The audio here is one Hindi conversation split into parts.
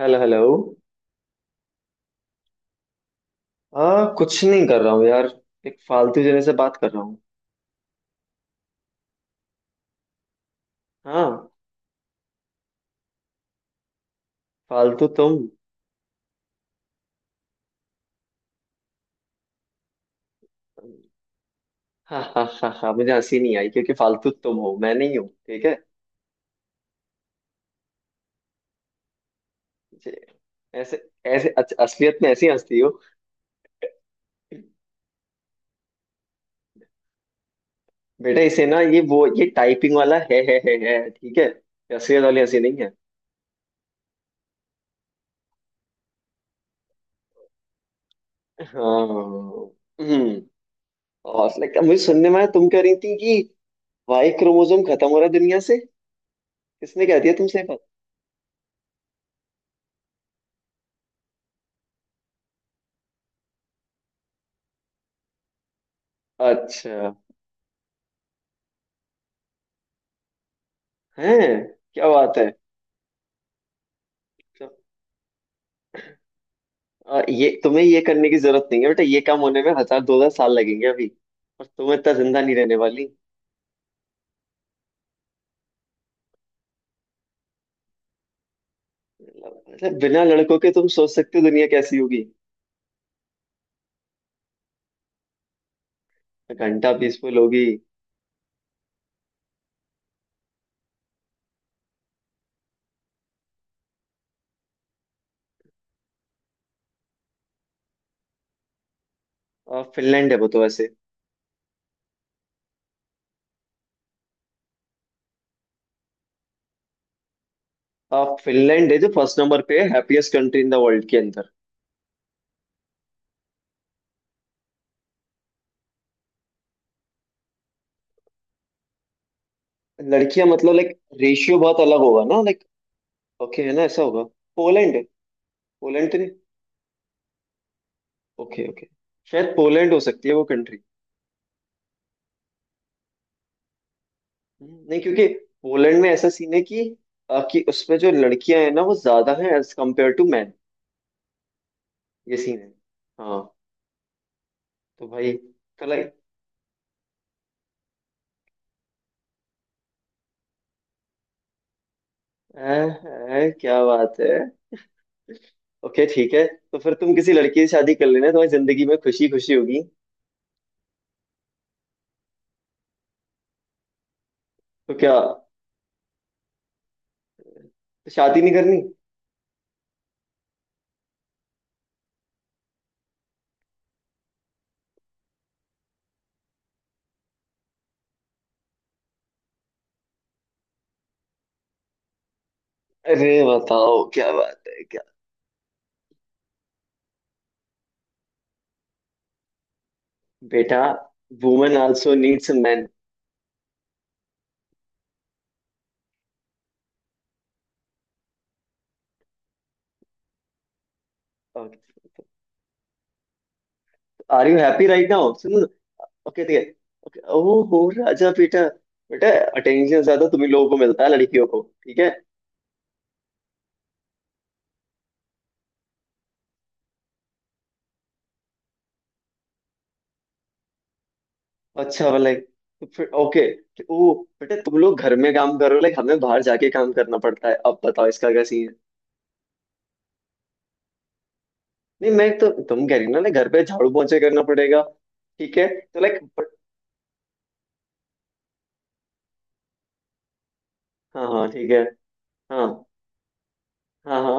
Hello hello. हाँ, कुछ नहीं कर रहा हूँ यार। एक फालतू जने से बात कर रहा हूँ। हाँ। फालतू तुम। हाँ हाँ हाँ हाँ, मुझे हंसी नहीं आई क्योंकि फालतू तुम हो, मैं नहीं हूँ, ठीक है। जे- ऐसे ऐसे असलियत में ऐसी हंसती हो? बेटा, इसे ना, ये टाइपिंग वाला है, ठीक है, ये असलियत वाली हंसी नहीं है। हाँ। हम्म। और लाइक मुझे सुनने में आया तुम कह रही थी कि वाई क्रोमोसोम खत्म हो रहा है दुनिया से। किसने कह दिया तुमसे ये बात? अच्छा। है। क्या बात है। ये तुम्हें ये करने की जरूरत नहीं है बेटा, ये काम होने में हजार दो हजार साल लगेंगे अभी। और तुम इतना जिंदा नहीं रहने वाली। मतलब बिना लड़कों के तुम सोच सकते हो दुनिया कैसी होगी? घंटा पीसफुल होगी। फिनलैंड है वो तो वैसे। फिनलैंड है जो फर्स्ट नंबर पे है, happiest country in the world के अंदर। लड़कियां मतलब लाइक रेशियो बहुत अलग होगा ना, लाइक। ओके, है ना, ऐसा होगा। पोलैंड है। पोलैंड तो नहीं। Okay okay. शायद पोलैंड हो सकती है वो कंट्री। नहीं क्योंकि पोलैंड में ऐसा सीन है कि उसमें जो लड़कियां हैं ना वो ज्यादा हैं एज कम्पेयर टू मैन। ये सीन है। हाँ। तो भाई। तो लाइक। क्या बात है। ओके, ठीक है। तो फिर तुम किसी लड़की से शादी कर लेना, तुम्हारी जिंदगी में खुशी खुशी होगी। तो क्या? तो शादी नहीं करनी? अरे बताओ, क्या बात है क्या? बेटा। Women also needs a man. Are you happy right now? सुनो। ओके, ठीक है। ओके ओहो राजा बेटा। बेटा। अटेंशन ज्यादा तुम ही लोगों को मिलता है लड़कियों को, ठीक है। अच्छा वाला है। तो फिर ओके। ओ। बेटा, तुम लोग घर में काम करो, लाइक हमें बाहर जाके काम करना पड़ता है, अब बताओ इसका क्या सीन है? नहीं, मैं तो, तुम कह रही हो ना, लाइक घर पे झाड़ू पोंछे करना पड़ेगा। ठीक है। तो लाइक। हाँ हाँ, ठीक है। हाँ हाँ। हाँ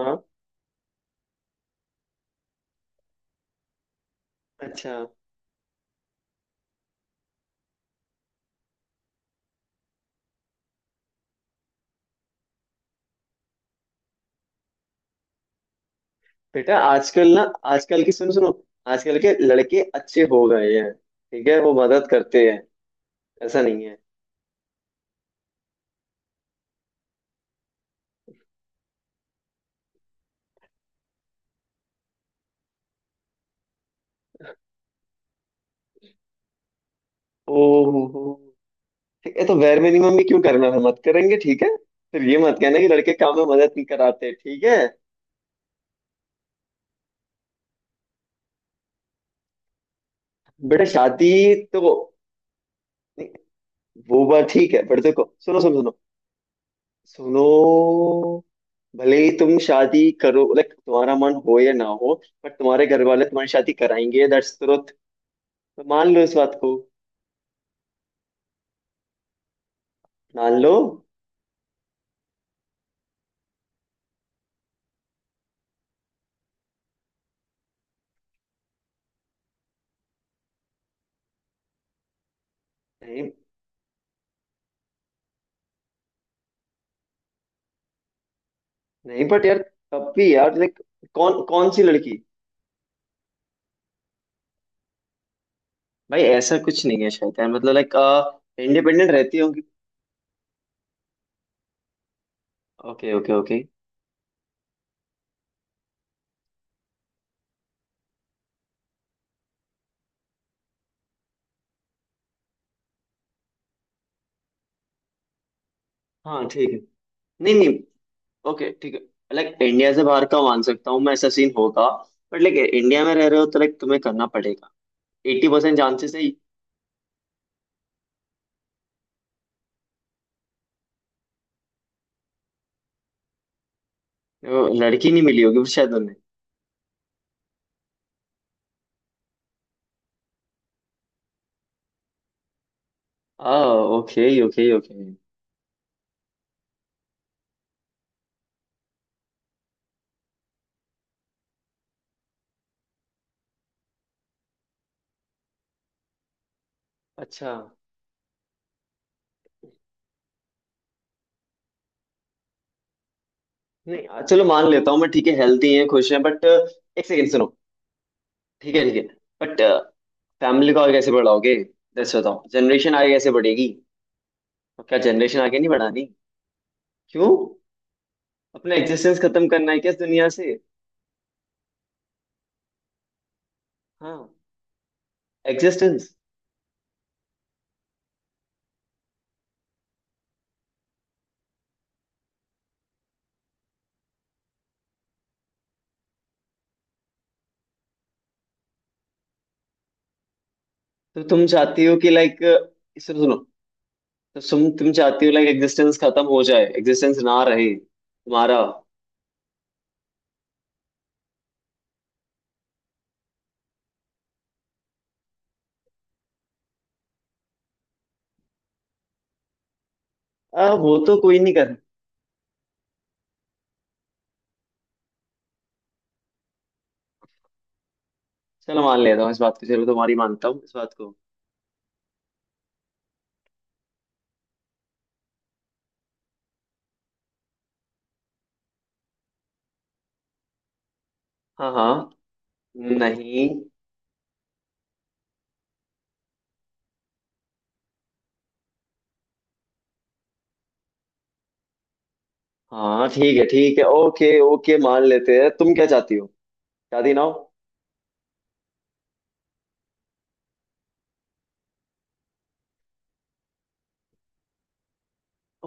हाँ। अच्छा। बेटा आजकल ना। आजकल की सुनो सुनो। आजकल के लड़के अच्छे हो गए हैं, ठीक है, वो मदद करते हैं। ऐसा नहीं है। ओहो। ठीक है, तो वेर मिनिमम भी क्यों करना है? मत करेंगे, ठीक है। फिर ये मत कहना कि लड़के काम में मदद नहीं कराते, ठीक है। बेटा शादी। तो। नहीं, वो बात ठीक है बट देखो, सुनो सुनो सुनो। सुनो। भले ही तुम शादी करो, लाइक तुम्हारा मन हो या ना हो, पर तुम्हारे घर वाले तुम्हारी शादी कराएंगे, दैट्स ट्रुथ। तो मान लो इस बात को। मान लो। नहीं नहीं बट यार, तब भी यार लाइक, कौन कौन सी लड़की? भाई ऐसा कुछ नहीं है, शैतान, मतलब लाइक, इंडिपेंडेंट रहती। Okay okay okay. हाँ ठीक है। नहीं नहीं। ओके, ठीक है। लाइक इंडिया से बाहर का मान सकता हूँ मैं, ऐसा सीन होगा। बट लाइक इंडिया में रह रहे हो तो लाइक तुम्हें करना पड़ेगा। 80% चांसेस है ही। वो लड़की नहीं मिली होगी शायद उन्हें। आ ओके ओके ओके। अच्छा। नहीं, चलो मान लेता हूँ मैं, ठीक है, हेल्थी है, खुश है, बट 1 सेकेंड सुनो। ठीक है ठीक है, बट फैमिली को आगे कैसे बढ़ाओगे? दस बताओ, जनरेशन आगे कैसे बढ़ेगी? और क्या, जनरेशन आगे नहीं बढ़ानी? क्यों? अपना एग्जिस्टेंस खत्म करना है क्या इस दुनिया से? हाँ। एग्जिस्टेंस। तो तुम चाहती हो कि लाइक, सुनो सुनो। तो तुम चाहती हो लाइक एग्जिस्टेंस खत्म हो जाए, एग्जिस्टेंस ना रहे तुम्हारा? वो तो कोई नहीं कर। चलो मान लेता हूँ इस बात को, चलो तुम्हारी मानता हूँ इस बात को। हाँ हाँ। नहीं। हाँ ठीक है ओके ओके, मान लेते हैं, तुम क्या चाहती हो? शादी ना हो?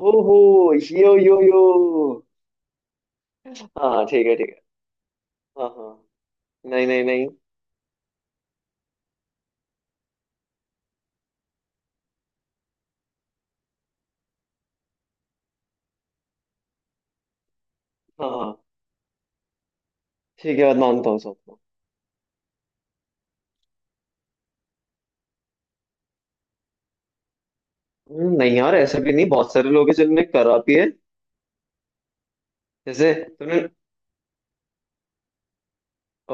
हो हो। यो यो यो। हाँ हाँ, ठीक है ठीक है। हाँ हाँ। नहीं नहीं नहीं। हाँ हाँ, ठीक है, बात मानता हूँ सबको। नहीं यार, ऐसा भी नहीं, बहुत सारे लोग हैं जिनने करा भी है। जैसे। तुमने।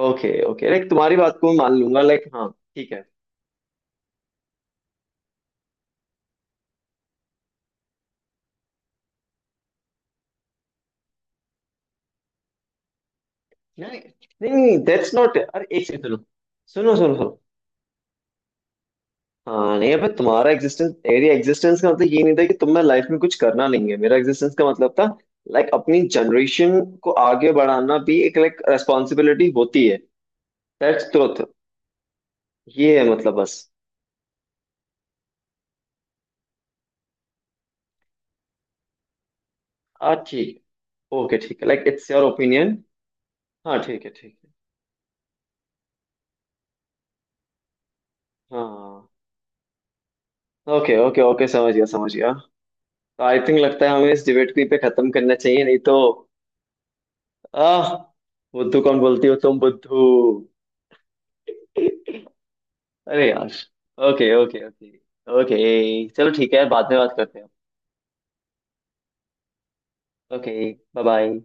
ओके ओके, लाइक तुम्हारी बात को मैं मान लूंगा, लाइक हाँ। ठीक है। नहीं नहीं दैट्स नॉट, अरे 1 सेकंड सुनो। सुनो सुनो सुनो। हाँ नहीं अबे, तुम्हारा एग्जिस्टेंस एरिया एग्जिस्टेंस का मतलब ये नहीं था कि तुम्हें लाइफ में कुछ करना नहीं है, मेरा एग्जिस्टेंस का मतलब था, लाइक अपनी जनरेशन को आगे बढ़ाना भी एक लाइक रेस्पॉन्सिबिलिटी होती है। That's truth. ये है मतलब बस। हाँ ठीक। ओके, ठीक है, लाइक इट्स योर ओपिनियन। हाँ ठीक है ठीक है। हाँ। ओके ओके ओके, समझ गया समझ गया। आई थिंक लगता है हमें इस डिबेट को यहीं पे खत्म करना चाहिए, नहीं तो। आह। बुद्धू कौन बोलती हो? तुम बुद्धू। अरे यार। ओके। Okay okay okay. चलो ठीक है, बाद में बात करते हैं। Okay bye bye.